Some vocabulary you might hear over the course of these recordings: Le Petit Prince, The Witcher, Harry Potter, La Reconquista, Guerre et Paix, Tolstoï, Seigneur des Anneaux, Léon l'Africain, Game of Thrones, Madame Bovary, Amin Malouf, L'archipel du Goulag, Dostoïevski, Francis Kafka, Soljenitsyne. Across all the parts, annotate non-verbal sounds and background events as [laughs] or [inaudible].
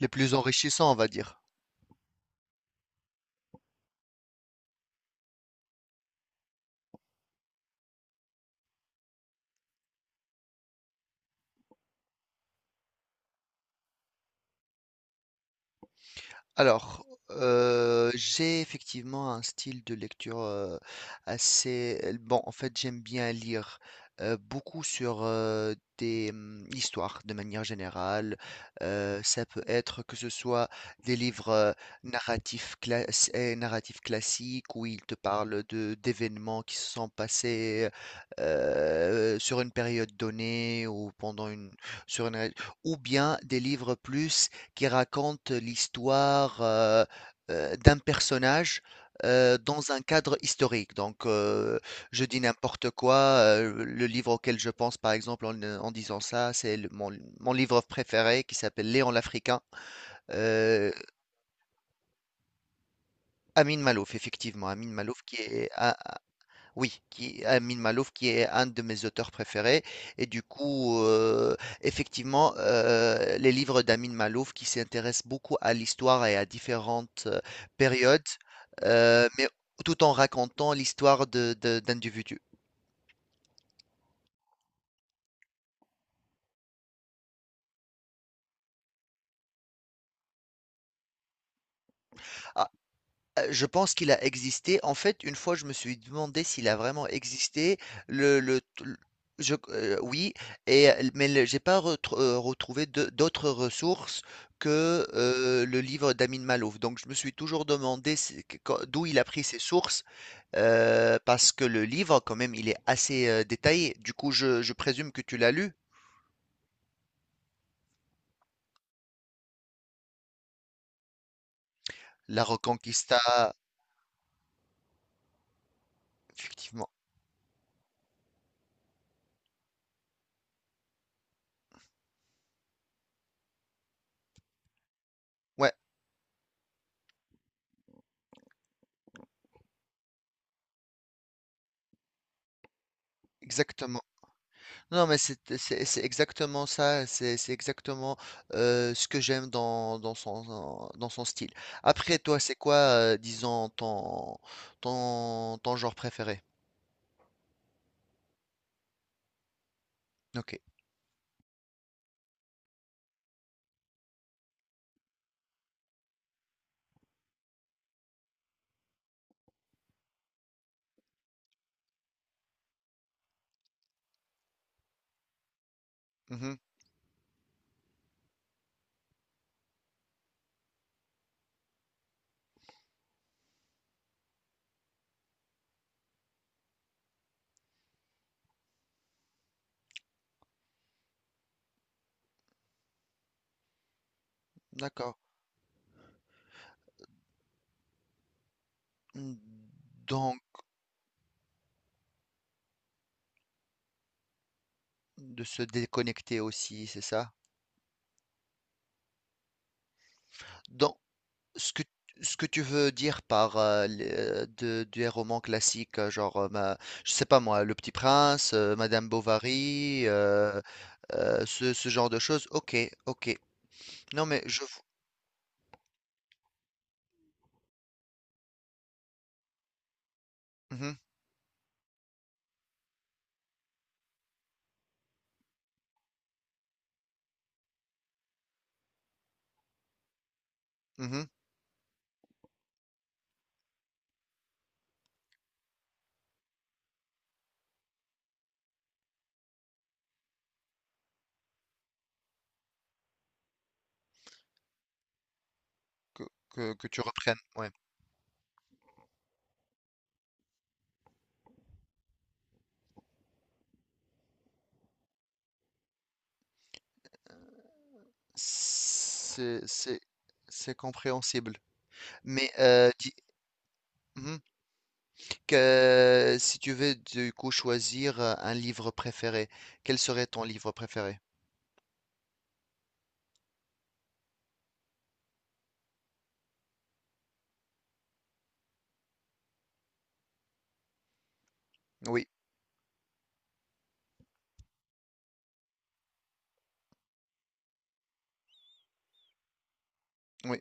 Les plus enrichissants, on va dire. Alors, j'ai effectivement un style de lecture assez. Bon, en fait, j'aime bien lire beaucoup sur des histoires de manière générale. Ça peut être que ce soit des livres narratifs classiques où ils te parlent de d'événements qui se sont passés sur une période donnée ou pendant sur une... ou bien des livres plus qui raconte l'histoire d'un personnage dans un cadre historique. Donc, je dis n'importe quoi. Le livre auquel je pense, par exemple, en disant ça, c'est mon livre préféré qui s'appelle Léon l'Africain. Euh, Amin Malouf, effectivement, Amin Malouf, oui, Amin Malouf, qui est un de mes auteurs préférés. Et du coup, effectivement, les livres d'Amin Malouf qui s'intéressent beaucoup à l'histoire et à différentes périodes, mais tout en racontant l'histoire d'individus. Je pense qu'il a existé. En fait, une fois, je me suis demandé s'il a vraiment existé. Le t l je q Oui, et l mais le j'ai pas retrouvé de d'autres ressources que, le livre d'Amin Malouf. Donc je me suis toujours demandé c'est q quand d'où il a pris ses sources, parce que le livre, quand même, il est assez, détaillé. Du coup, je présume que tu l'as lu? La Reconquista, effectivement. Ouais, exactement. Non, mais c'est exactement ça, c'est exactement ce que j'aime dans son style. Après, toi, c'est quoi, disons, ton genre préféré? Ok. Mhm. D'accord. Mmh. Donc, de se déconnecter aussi, c'est ça? Ce que, Ce que tu veux dire par des romans classiques, genre, je sais pas moi, Le Petit Prince, Madame Bovary, ce genre de choses. Ok, ok. Non, mais je. Mhm, mhm, que, que tu reprennes. Ouais. C'est, c'est, c'est compréhensible. Mais mhm, que, si tu veux du coup choisir un livre préféré, quel serait ton livre préféré? Oui, oui.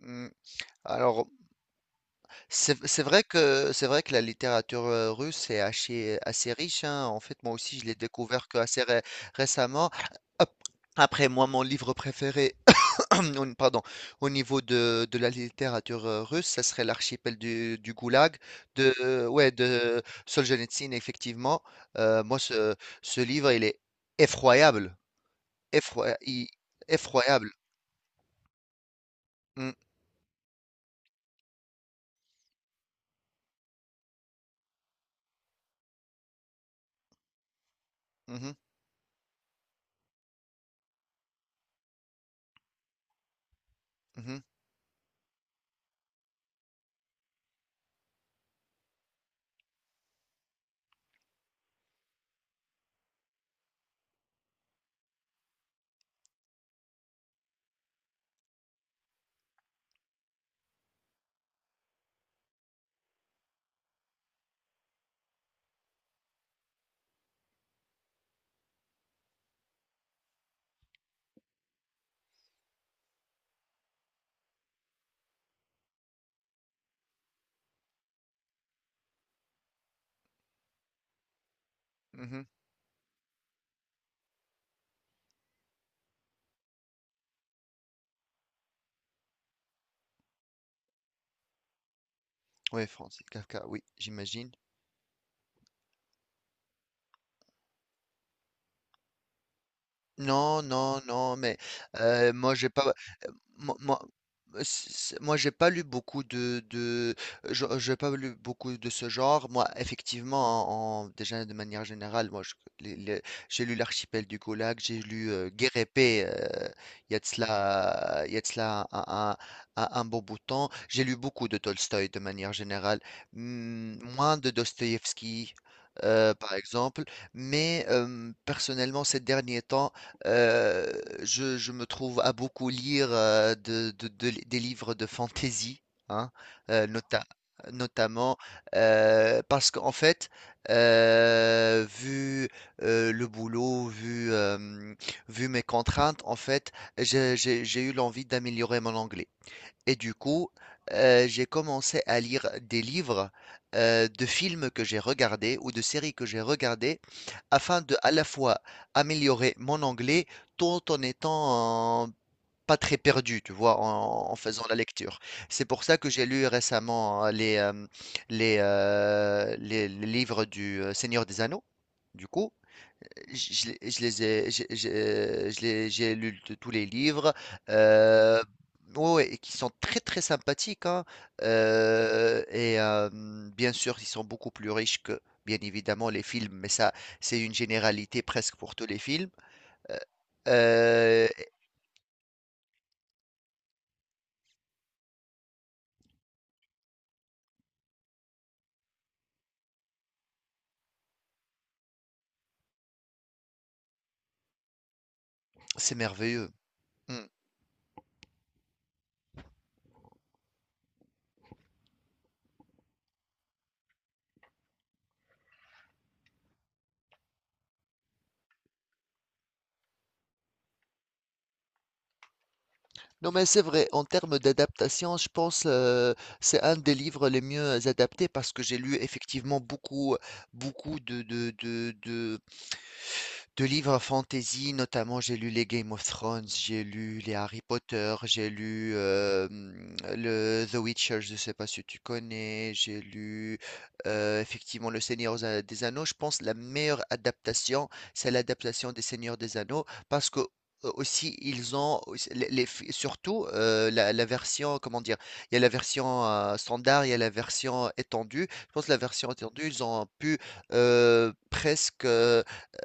Mm. Alors, c'est vrai que la littérature, russe est assez riche, hein. En fait, moi aussi, je l'ai découvert que assez ré récemment. Ap Après moi, mon livre préféré, [clears throat] au pardon, au niveau de la littérature, russe, ça serait l'archipel du Goulag de ouais, de Soljenitsyne, effectivement. Moi, ce livre, il est effroyable, effroya i effroyable. Mmh. Mmh mh. Mmh. Mmh. Oui, Francis Kafka, oui, j'imagine. Non, non, non, mais moi j'ai pas, moi, moi, c- moi, j'ai pas lu beaucoup j'ai pas lu beaucoup de ce genre. Moi, effectivement, déjà de manière générale, moi, les- les- j'ai lu L'archipel du Goulag, j'ai lu Guerre et Paix, il y a de cela un bon bout de temps. J'ai lu beaucoup de Tolstoï de manière générale, hmm, moins de Dostoïevski, par exemple. Mais personnellement, ces derniers temps euh, je me trouve à beaucoup lire des livres de fantasy, hein, euh, nota- notamment parce qu'en fait, vu le boulot, vu, vu mes contraintes, en fait, j'ai eu l'envie d'améliorer mon anglais. Et du coup, j'ai commencé à lire des livres de films que j'ai regardés ou de séries que j'ai regardées afin de à la fois améliorer mon anglais tout en étant pas très perdu, tu vois, en faisant la lecture. C'est pour ça que j'ai lu récemment les livres du Seigneur des Anneaux, du coup. Je les ai, j'ai- je les- J'ai lu de tous les livres, euh, ouais, ouais, et qui sont très sympathiques, hein, euh, et euh, bien sûr, ils sont beaucoup plus riches que, bien évidemment, les films, mais ça, c'est une généralité presque pour tous les films. Euh, euh, c'est merveilleux. Hmm. Non, mais c'est vrai, en termes d'adaptation, je pense c'est un des livres les mieux adaptés parce que j'ai lu effectivement beaucoup, beaucoup de livres fantasy, notamment, j'ai lu les Game of Thrones, j'ai lu les Harry Potter, j'ai lu le The Witcher, je ne sais pas si tu connais, j'ai lu effectivement Le Seigneur des Anneaux. Je pense la meilleure adaptation, c'est l'adaptation des Seigneurs des Anneaux, parce que aussi surtout la version comment dire il y a la version standard il y a la version étendue je pense que la version étendue ils ont pu presque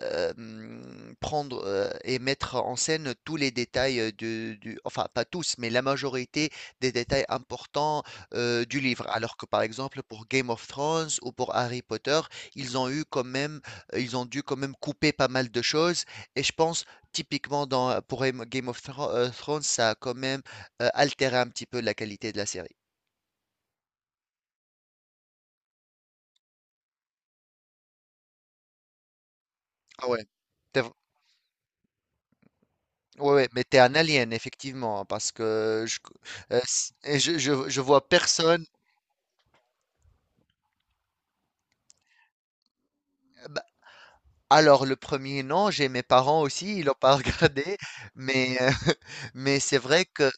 prendre et mettre en scène tous les détails du, enfin pas tous, mais la majorité des détails importants du livre. Alors que par exemple pour Game of Thrones ou pour Harry Potter, ils ont eu quand même, ils ont dû quand même couper pas mal de choses. Et je pense typiquement pour Game of Thrones, ça a quand même altéré un petit peu la qualité de la série. Ah ouais. T'es v- Ouais, ouais, mais t'es un alien, effectivement, hein, parce que je, s- et je vois personne. Bah, alors le premier non, j'ai mes parents aussi, ils l'ont pas [laughs] regardé, mais [laughs] mais c'est vrai que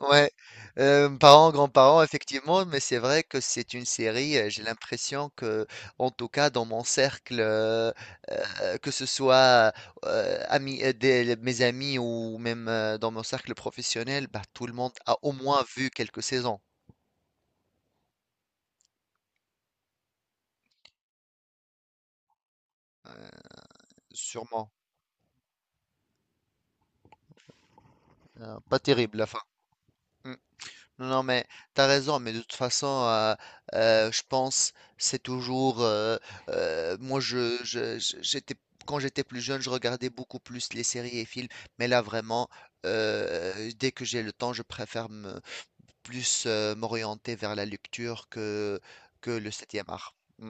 ouais, parents, grands-parents effectivement, mais c'est vrai que c'est une série, j'ai l'impression que en tout cas dans mon cercle que ce soit amis mes amis ou même dans mon cercle professionnel, bah tout le monde a au moins vu quelques saisons, sûrement. Pas terrible la fin. Mm. Non, non, mais t'as raison, mais de toute façon, je pense c'est toujours. Moi, j'étais quand j'étais plus jeune, je regardais beaucoup plus les séries et films, mais là vraiment, dès que j'ai le temps, je préfère me, plus m'orienter vers la lecture que le septième art. Mm,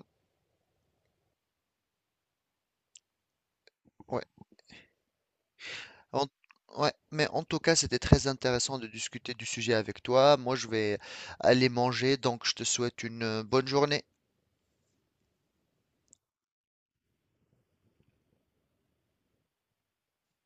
ouais. En- ouais, mais en tout cas, c'était très intéressant de discuter du sujet avec toi. Moi, je vais aller manger, donc je te souhaite une bonne journée.